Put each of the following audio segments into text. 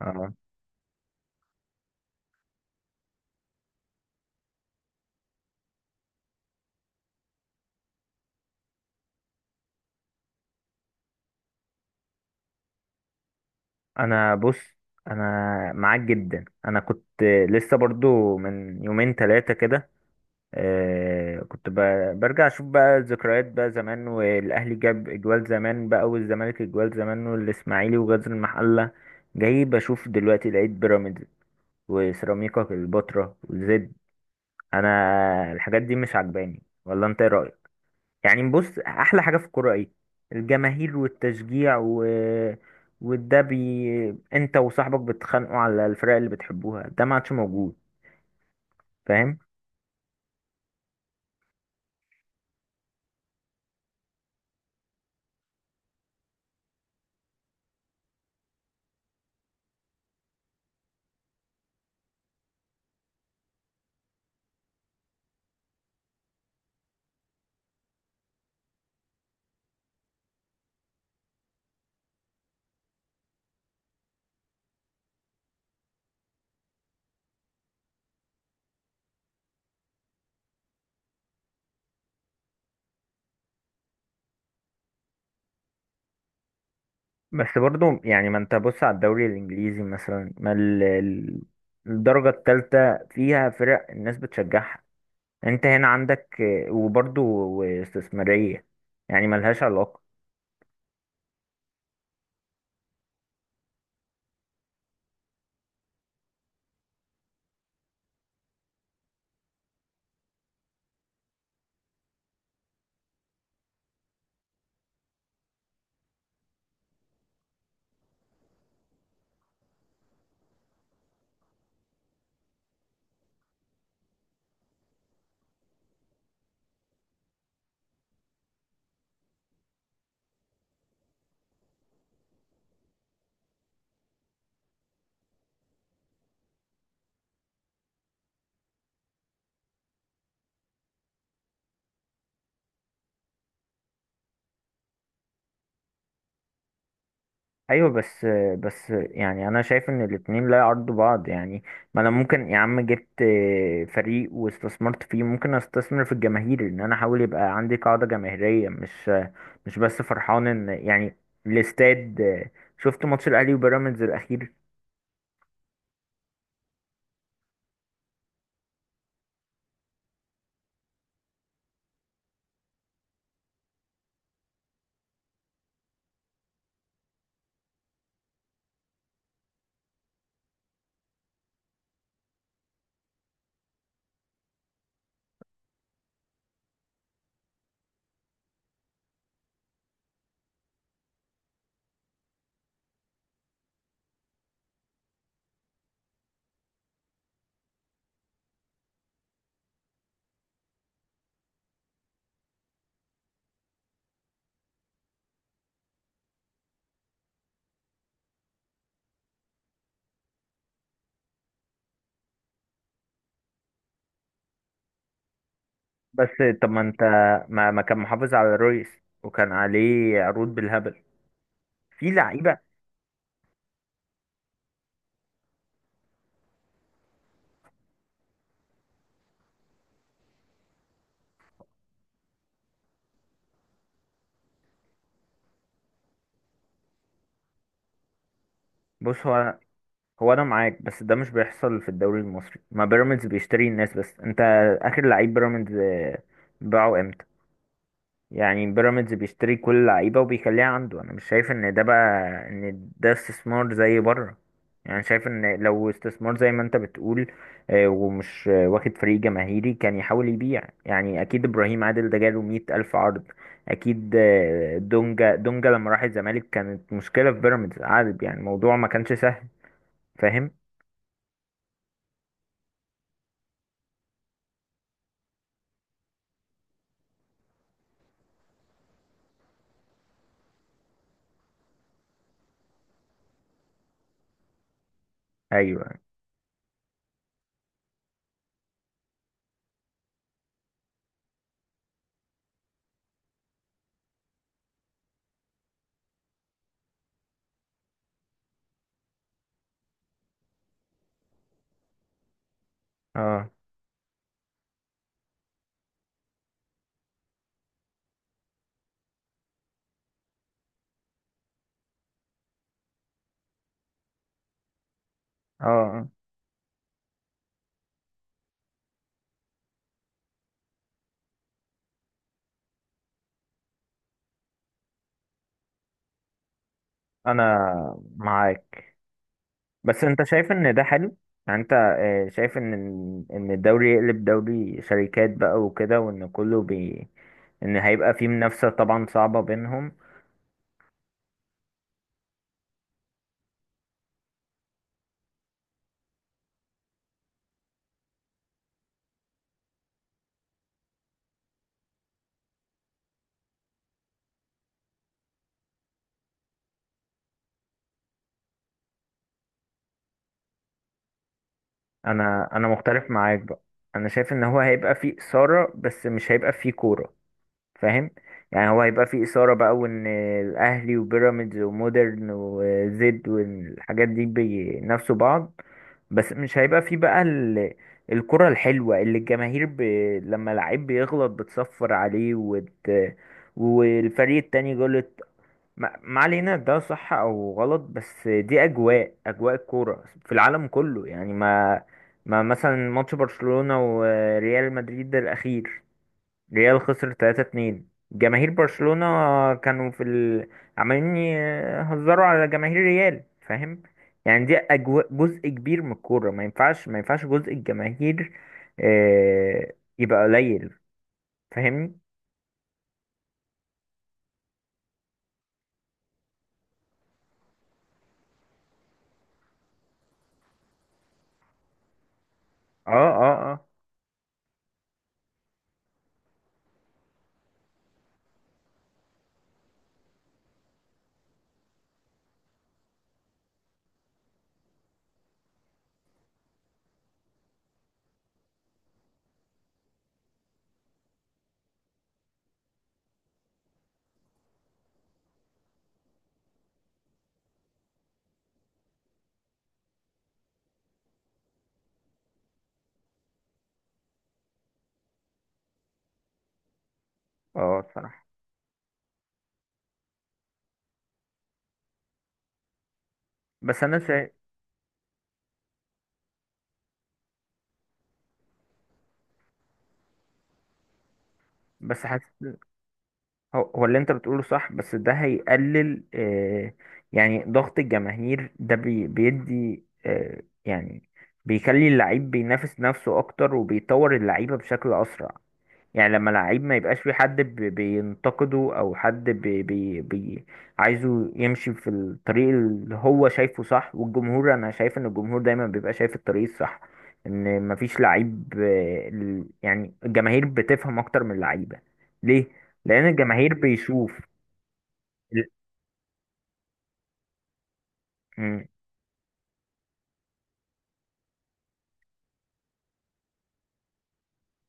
اه، انا بص انا معاك جدا. انا كنت لسه برضو من يومين ثلاثه كده. كنت برجع اشوف بقى الذكريات بقى زمان، والاهلي جاب اجوال زمان بقى، والزمالك اجوال زمان، والاسماعيلي وغزل المحله. جاي بشوف دلوقتي لقيت بيراميدز وسيراميكا كليوباترا وزد. انا الحاجات دي مش عجباني، ولا انت ايه رايك؟ يعني بص، احلى حاجه في الكوره ايه؟ الجماهير والتشجيع انت وصاحبك بتتخانقوا على الفرق اللي بتحبوها، ده ما عادش موجود، فاهم؟ بس برضو يعني، ما انت بص على الدوري الانجليزي مثلا، ما الدرجه الثالثه فيها فرق الناس بتشجعها. انت هنا عندك وبرضو استثماريه، يعني ملهاش علاقه. ايوه، بس يعني انا شايف ان الاتنين لا يعرضوا بعض يعني. ما انا ممكن يا عم جبت فريق واستثمرت فيه، ممكن استثمر في الجماهير، ان انا احاول يبقى عندي قاعدة جماهيرية. مش بس فرحان ان يعني الاستاد. شفت ماتش الاهلي وبيراميدز الاخير؟ بس طب ما انت، ما كان محافظ على رويس، وكان عليه عروض بالهبل في لعيبة. بص، هو انا معاك، بس ده مش بيحصل في الدوري المصري. ما بيراميدز بيشتري الناس، بس انت، اخر لعيب بيراميدز باعه امتى؟ يعني بيراميدز بيشتري كل اللعيبه وبيخليها عنده. انا مش شايف ان ده بقى ان ده استثمار زي بره. يعني شايف ان لو استثمار زي ما انت بتقول، آه، ومش آه، واخد فريق جماهيري، كان يحاول يبيع. يعني اكيد ابراهيم عادل ده جاله مية الف عرض. اكيد دونجا دونجا لما راح الزمالك كانت مشكله في بيراميدز عادل. يعني الموضوع ما كانش سهل، فاهم؟ ايوه. اه. اه. انا معاك، بس انت شايف ان ده حلو؟ يعني انت شايف ان الدوري يقلب دوري شركات بقى وكده، وان كله بي ان هيبقى فيه منافسة طبعا صعبة بينهم؟ انا مختلف معاك بقى. انا شايف ان هو هيبقى فيه إثارة، بس مش هيبقى فيه كورة، فاهم؟ يعني هو هيبقى فيه إثارة بقى، وإن الأهلي وبيراميدز ومودرن وزد والحاجات دي بينافسوا بعض. بس مش هيبقى فيه بقى الكرة الحلوة اللي الجماهير لما لعيب بيغلط بتصفر عليه والفريق التاني غلط. ما علينا ده صح أو غلط، بس دي أجواء الكورة في العالم كله يعني، ما مثلا ماتش برشلونة وريال مدريد الأخير، ريال خسر 3-2، جماهير برشلونة كانوا في عمالين يهزروا على جماهير ريال، فاهم؟ يعني دي جزء كبير من الكورة. ما ينفعش، ما ينفعش جزء الجماهير آه... يبقى قليل، فاهمني؟ اه، اه، اه، اه الصراحة. بس انا شايف، بس حاسس، هو اللي انت بتقوله صح، بس ده هيقلل يعني ضغط الجماهير ده بيدي يعني بيخلي اللعيب بينافس نفسه اكتر، وبيطور اللعيبة بشكل اسرع. يعني لما لعيب ما يبقاش في حد بينتقده، او حد بي بي بي عايزه يمشي في الطريق اللي هو شايفه صح. والجمهور، انا شايف ان الجمهور دايما بيبقى شايف الطريق الصح. ان مفيش لعيب يعني الجماهير بتفهم اكتر من اللعيبه. ليه؟ لان الجماهير بيشوف ال- مم.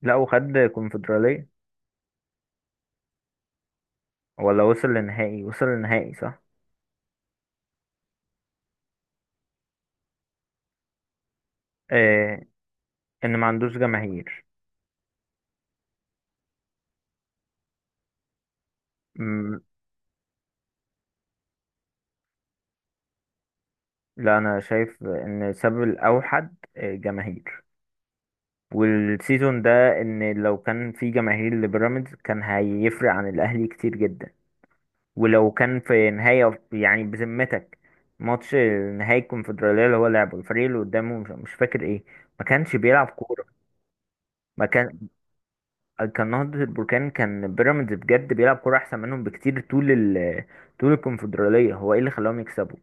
لا، وخد كونفدراليه، ولا وصل لنهائي، وصل لنهائي صح. آه، ان ما عندوش جماهير. مم. لا، انا شايف ان السبب الاوحد جماهير، والسيزون ده. ان لو كان في جماهير لبيراميدز كان هيفرق عن الاهلي كتير جدا. ولو كان في نهاية، يعني بذمتك، ماتش نهائي الكونفدرالية اللي هو لعبه، الفريق اللي قدامه مش فاكر ايه، ما كانش بيلعب كورة. ما كان كان نهضة البركان، كان بيراميدز بجد بيلعب كورة احسن منهم بكتير. طول طول الكونفدرالية، هو ايه اللي خلاهم يكسبوا؟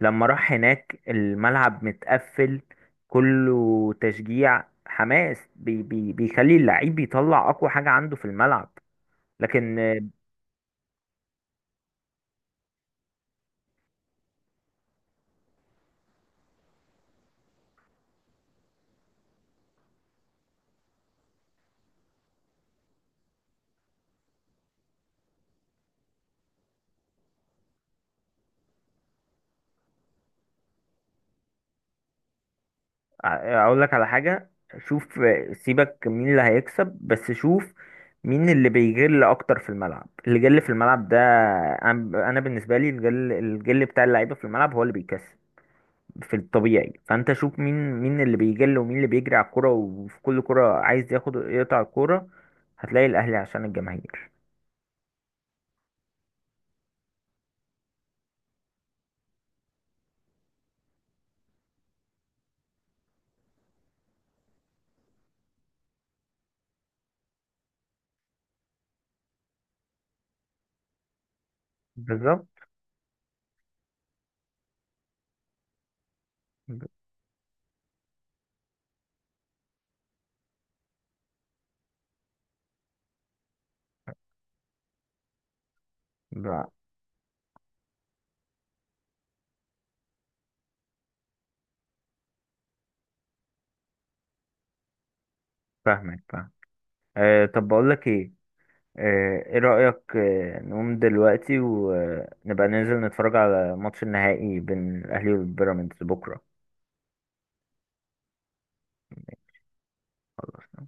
لما راح هناك الملعب متقفل، كله تشجيع حماس بي بي بيخلي اللعيب يطلع اقوى حاجة عنده في الملعب. لكن اقول لك على حاجة، شوف سيبك مين اللي هيكسب، بس شوف مين اللي بيجل اكتر في الملعب، اللي جل في الملعب ده. أنا بالنسبة لي، الجل بتاع اللعيبة في الملعب هو اللي بيكسب في الطبيعي. فانت شوف مين اللي بيجل، ومين اللي بيجري على الكوره، وفي كل كوره عايز ياخد يقطع الكوره. هتلاقي الاهلي عشان الجماهير. بالظبط. ب- ب- فاهمك، فاهم. طب بقول لك ايه، ايه رأيك؟ نقوم دلوقتي ونبقى ننزل نتفرج على ماتش النهائي بين الاهلي والبيراميدز بكره؟